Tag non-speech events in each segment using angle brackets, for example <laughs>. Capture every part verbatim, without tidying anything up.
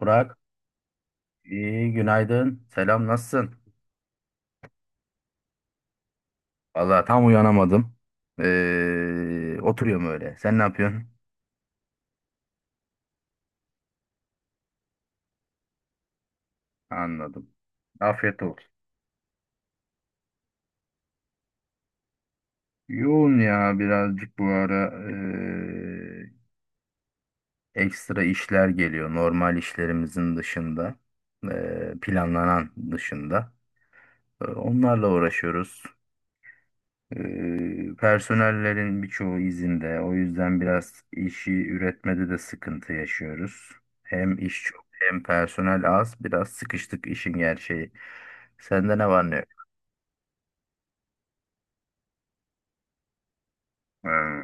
Burak, iyi günaydın. Selam, nasılsın? Valla tam uyanamadım. Ee, oturuyorum öyle. Sen ne yapıyorsun? Anladım. Afiyet olsun. Yoğun ya birazcık bu ara ee, ekstra işler geliyor. Normal işlerimizin dışında. ee, planlanan dışında. Ee, onlarla uğraşıyoruz. Ee, personellerin birçoğu izinde. O yüzden biraz işi üretmede de sıkıntı yaşıyoruz. Hem iş çok hem personel az. Biraz sıkıştık işin gerçeği. Sende ne var ne yok? Hmm.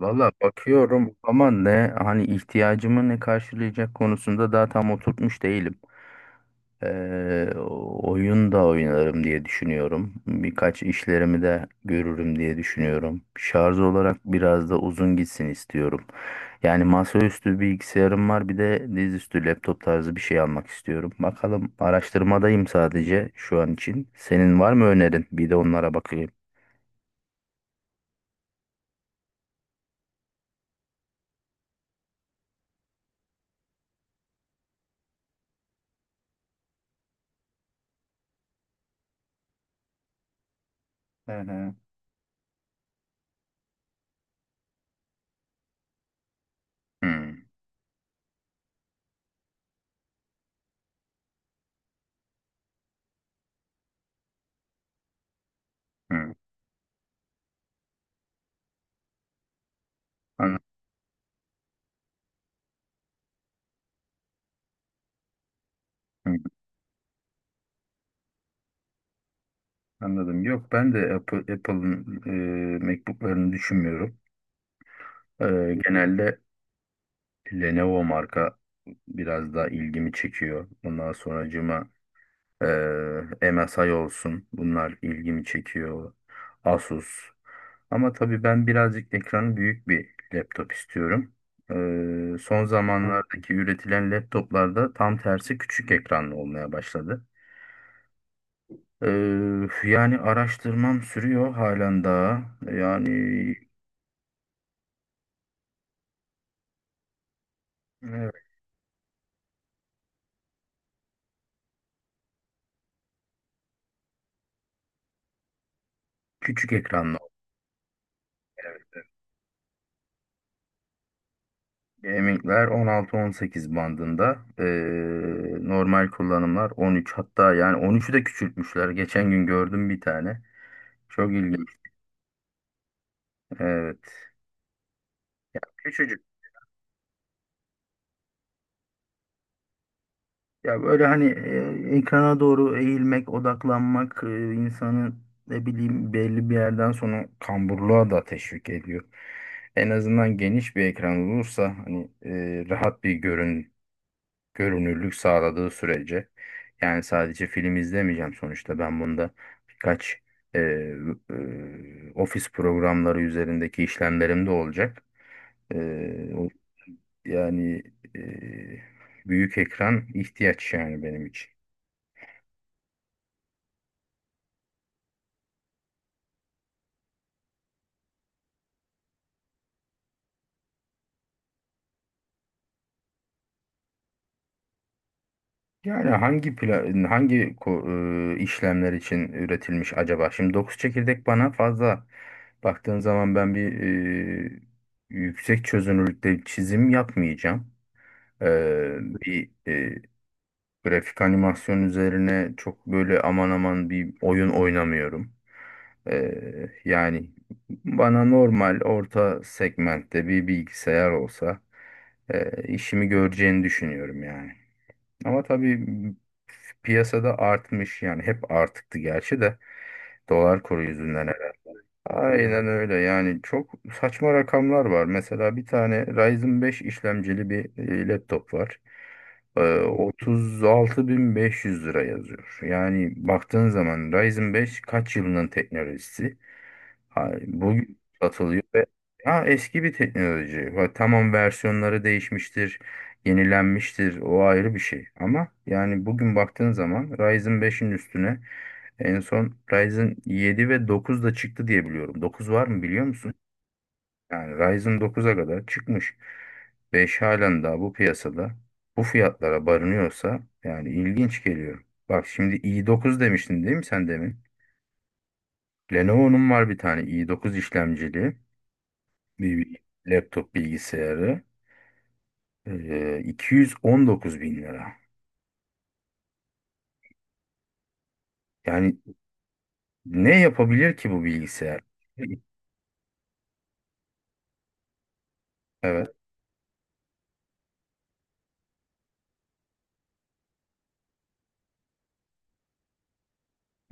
Valla bakıyorum ama ne hani ihtiyacımı ne karşılayacak konusunda daha tam oturtmuş değilim. Eee, oyun da oynarım diye düşünüyorum. Birkaç işlerimi de görürüm diye düşünüyorum. Şarj olarak biraz da uzun gitsin istiyorum. Yani masaüstü bilgisayarım var, bir de dizüstü laptop tarzı bir şey almak istiyorum. Bakalım, araştırmadayım sadece şu an için. Senin var mı önerin? Bir de onlara bakayım. Hı hı. Hı hı. An- hı, Anladım. Yok, ben de Apple- Apple'ın eee MacBook'larını düşünmüyorum. Eee, genelde Lenovo marka biraz daha ilgimi çekiyor. Ondan sonracığıma eee M S I olsun. Bunlar ilgimi çekiyor. Asus. Ama tabii ben birazcık ekranı büyük bir laptop istiyorum. Eee, son zamanlardaki üretilen laptoplarda tam tersi küçük ekranlı olmaya başladı. Eee, yani araştırmam sürüyor halen daha. Yani evet, küçük ekranlı Gaming'ler on altı on sekiz bandında. Ee, normal kullanımlar on üç, hatta yani on üçü de küçültmüşler. Geçen gün gördüm bir tane. Çok ilginç. Evet. Küçücük. Ya böyle hani e, ekrana doğru eğilmek, odaklanmak, e, insanı, ne bileyim, belli bir yerden sonra kamburluğa da teşvik ediyor. En azından geniş bir ekran olursa, hani e, rahat bir görün. görünürlük sağladığı sürece. Yani sadece film izlemeyeceğim sonuçta, ben bunda birkaç e, e, ofis programları üzerindeki işlemlerim de olacak. E, o- yani e, büyük ekran ihtiyaç yani benim için. Yani hangi pla- hangi ko- e, işlemler için üretilmiş acaba? Şimdi dokuz çekirdek bana fazla, baktığın zaman ben bir e, yüksek çözünürlükte çizim yapmayacağım. Ee, bir e, grafik animasyon üzerine çok böyle aman aman bir oyun oynamıyorum. Ee, yani bana normal orta segmentte bir bilgisayar olsa, e, işimi göreceğini düşünüyorum yani. Ama tabii piyasada artmış yani, hep artıktı gerçi de, dolar kuru yüzünden. Aynen öyle yani, çok saçma rakamlar var. Mesela bir tane Ryzen beş işlemcili bir e, laptop var. Ee, otuz altı bin beş yüz lira yazıyor. Yani baktığın zaman Ryzen beş kaç yılının teknolojisi? Hayır, bugün satılıyor ve ya eski bir teknoloji. Ha, tamam, versiyonları değişmiştir, yenilenmiştir. O ayrı bir şey. Ama yani bugün baktığın zaman Ryzen beşin üstüne en son Ryzen yedi ve dokuz da çıktı diye biliyorum. dokuz var mı biliyor musun? Yani Ryzen dokuza kadar çıkmış. beş halen daha bu piyasada bu fiyatlara barınıyorsa yani ilginç geliyor. Bak şimdi i dokuz demiştin değil mi sen demin? Lenovo'nun var bir tane i dokuz işlemcili bir laptop bilgisayarı, e, iki yüz on dokuz bin lira. Yani ne yapabilir ki bu bilgisayar? Evet,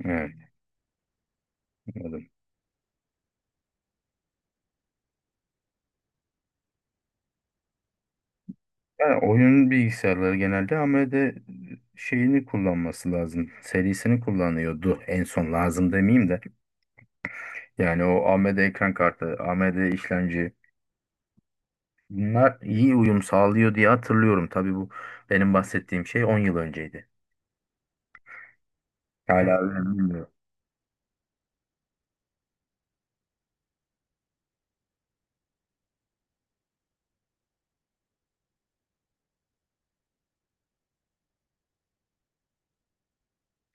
evet, anladım. Yani oyun bilgisayarları genelde A M D şeyini kullanması lazım. Serisini kullanıyordu en son, lazım demeyeyim de. Yani o A M D ekran kartı, A M D işlemci, bunlar iyi uyum sağlıyor diye hatırlıyorum. Tabii bu benim bahsettiğim şey on yıl önceydi. Hala öyle bilmiyorum.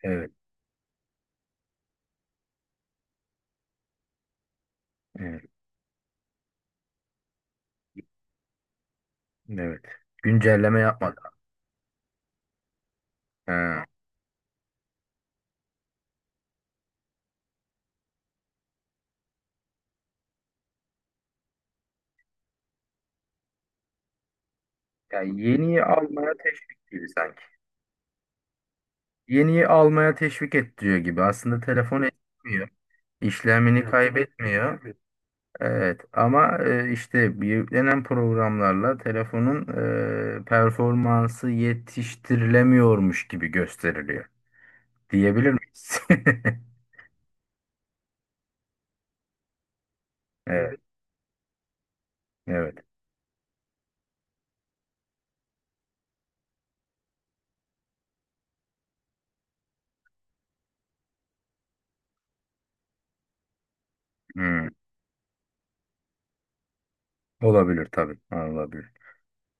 Evet, evet, evet. Güncelleme yapmadı. Ha. Yani yeniyi almaya teşvik gibi sanki. Yeniyi almaya teşvik ettiriyor gibi. Aslında telefon etmiyor. İşlemini, evet, kaybetmiyor. kaybet- Evet, ama e, işte bir yüklenen programlarla telefonun e, performansı yetiştirilemiyormuş gibi gösteriliyor. Diyebilir miyiz? <laughs> Evet. Evet. Hmm. Olabilir tabii. Olabilir.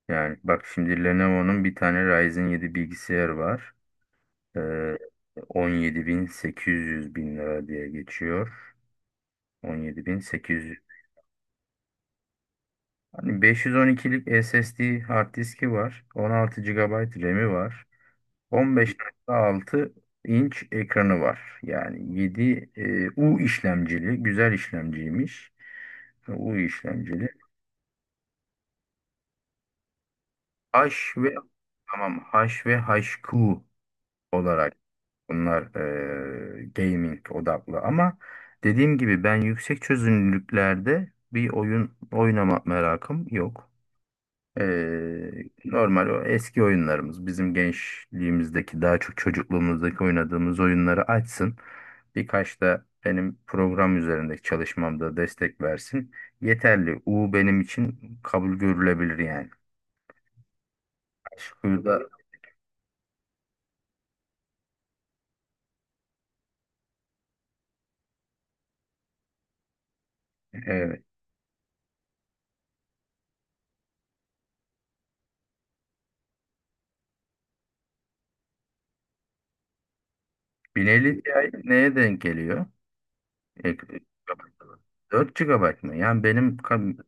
Yani bak şimdi Lenovo'nun bir tane Ryzen yedi bilgisayarı var. Ee, on yedi bin sekiz yüz bin sekiz yüz bin lira diye geçiyor. on yedi bin sekiz yüz. Hani beş yüz on ikilik S S D hard diski var. on altı gigabayt RAM'i var. on beş virgül altı inç ekranı var. Yani yedi e, U işlemcili, güzel işlemciymiş. U işlemcili. H ve tamam, H ve H Q olarak, bunlar eee, gaming odaklı, ama dediğim gibi ben yüksek çözünürlüklerde bir oyun oynama merakım yok. Eee, normal o eski oyunlarımız, bizim gençliğimizdeki, daha çok çocukluğumuzdaki oynadığımız oyunları açsın. Birkaç da benim program üzerindeki çalışmamda destek versin. Yeterli. U benim için kabul görülebilir yani. Aşk U'da, evet. Bineli Cahit neye denk geliyor? E, gigabayt. dört mı? Yani benim ka-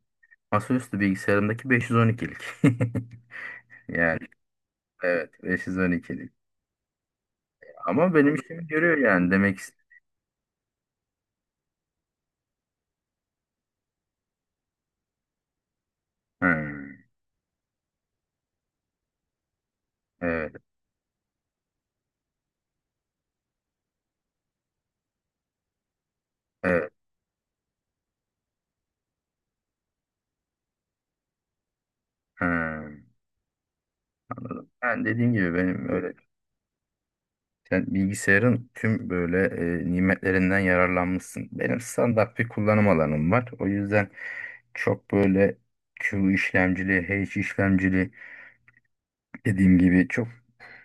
masaüstü bilgisayarımdaki beş yüz on ikilik. <laughs> Yani evet, beş yüz on ikilik. Ama benim işimi görüyor yani, demek istedim. Evet, evet. Ha. Yani dediğim gibi benim öyle, sen bilgisayarın tüm böyle e, nimetlerinden yararlanmışsın. Benim standart bir kullanım alanım var. O yüzden çok böyle Q işlemcili, H işlemcili dediğim gibi, çok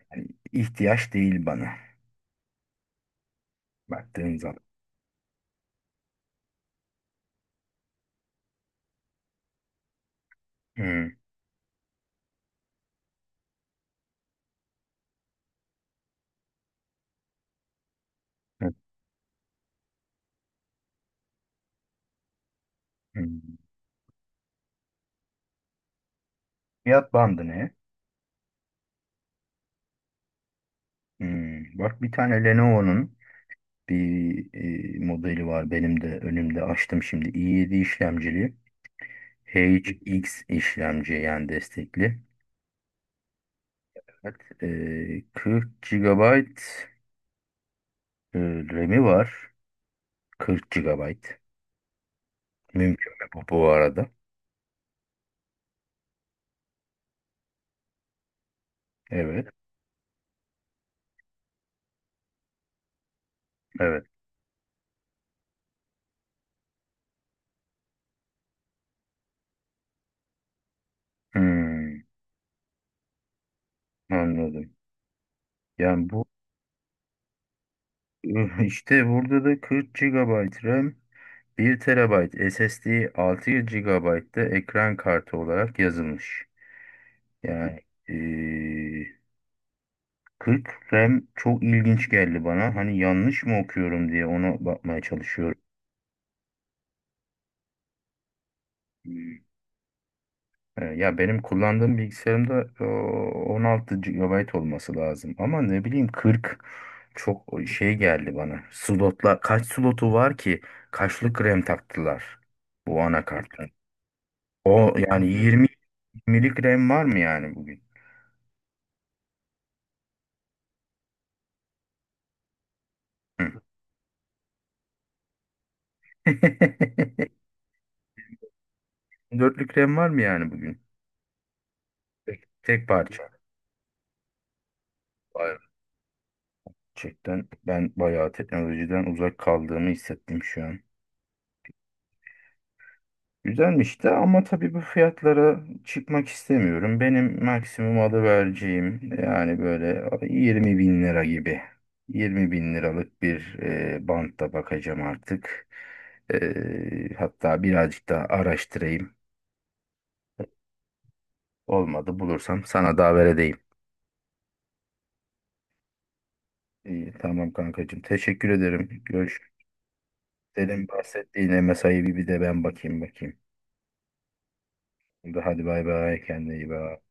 hani ihtiyaç değil bana baktığın zaman. Hmm, hmm, hmm. Fiyat bandı ne? Hmm, bak bir tane Lenovo'nun bir e, modeli var, benim de önümde açtım şimdi. i yedi işlemcili H X işlemci yani destekli. Evet, e, kırk gigabayt e, RAM'i var. kırk gigabayt. Mümkün mü bu, bu arada? Evet. Evet. Hmm, anladım. Yani bu, <laughs> işte burada da kırk gigabayt RAM, bir terabayt SSD, altı gigabayt da ekran kartı olarak yazılmış. Yani eee, kırk RAM çok ilginç geldi bana. Hani yanlış mı okuyorum diye ona bakmaya çalışıyorum. Hmm. Ee, Ya benim kullandığım bilgisayarımda e, on altı gigabayt olması lazım. Ama ne bileyim kırk, çok şey geldi bana. Slotla kaç slotu var ki? Kaçlık RAM taktılar bu anakartın? O yani yirmi. yirmilik RAM var mı yani bugün? Hı. <laughs> Dörtlük RAM var mı yani bugün? Tek, tek parça. Yok. Gerçekten ben bayağı teknolojiden uzak kaldığımı hissettim şu an. Güzelmiş de, ama tabii bu fiyatlara çıkmak istemiyorum. Benim maksimum alı vereceğim yani böyle yirmi bin lira gibi. yirmi bin liralık bir e, bantta bakacağım artık. E, hatta birazcık daha araştırayım. Olmadı, bulursam sana da haber edeyim. İyi, tamam kankacığım. Teşekkür ederim. Görüşürüz. Senin bahsettiğin M S I'ye bir bir de ben bakayım bakayım. Hadi bay bay, kendine iyi bak.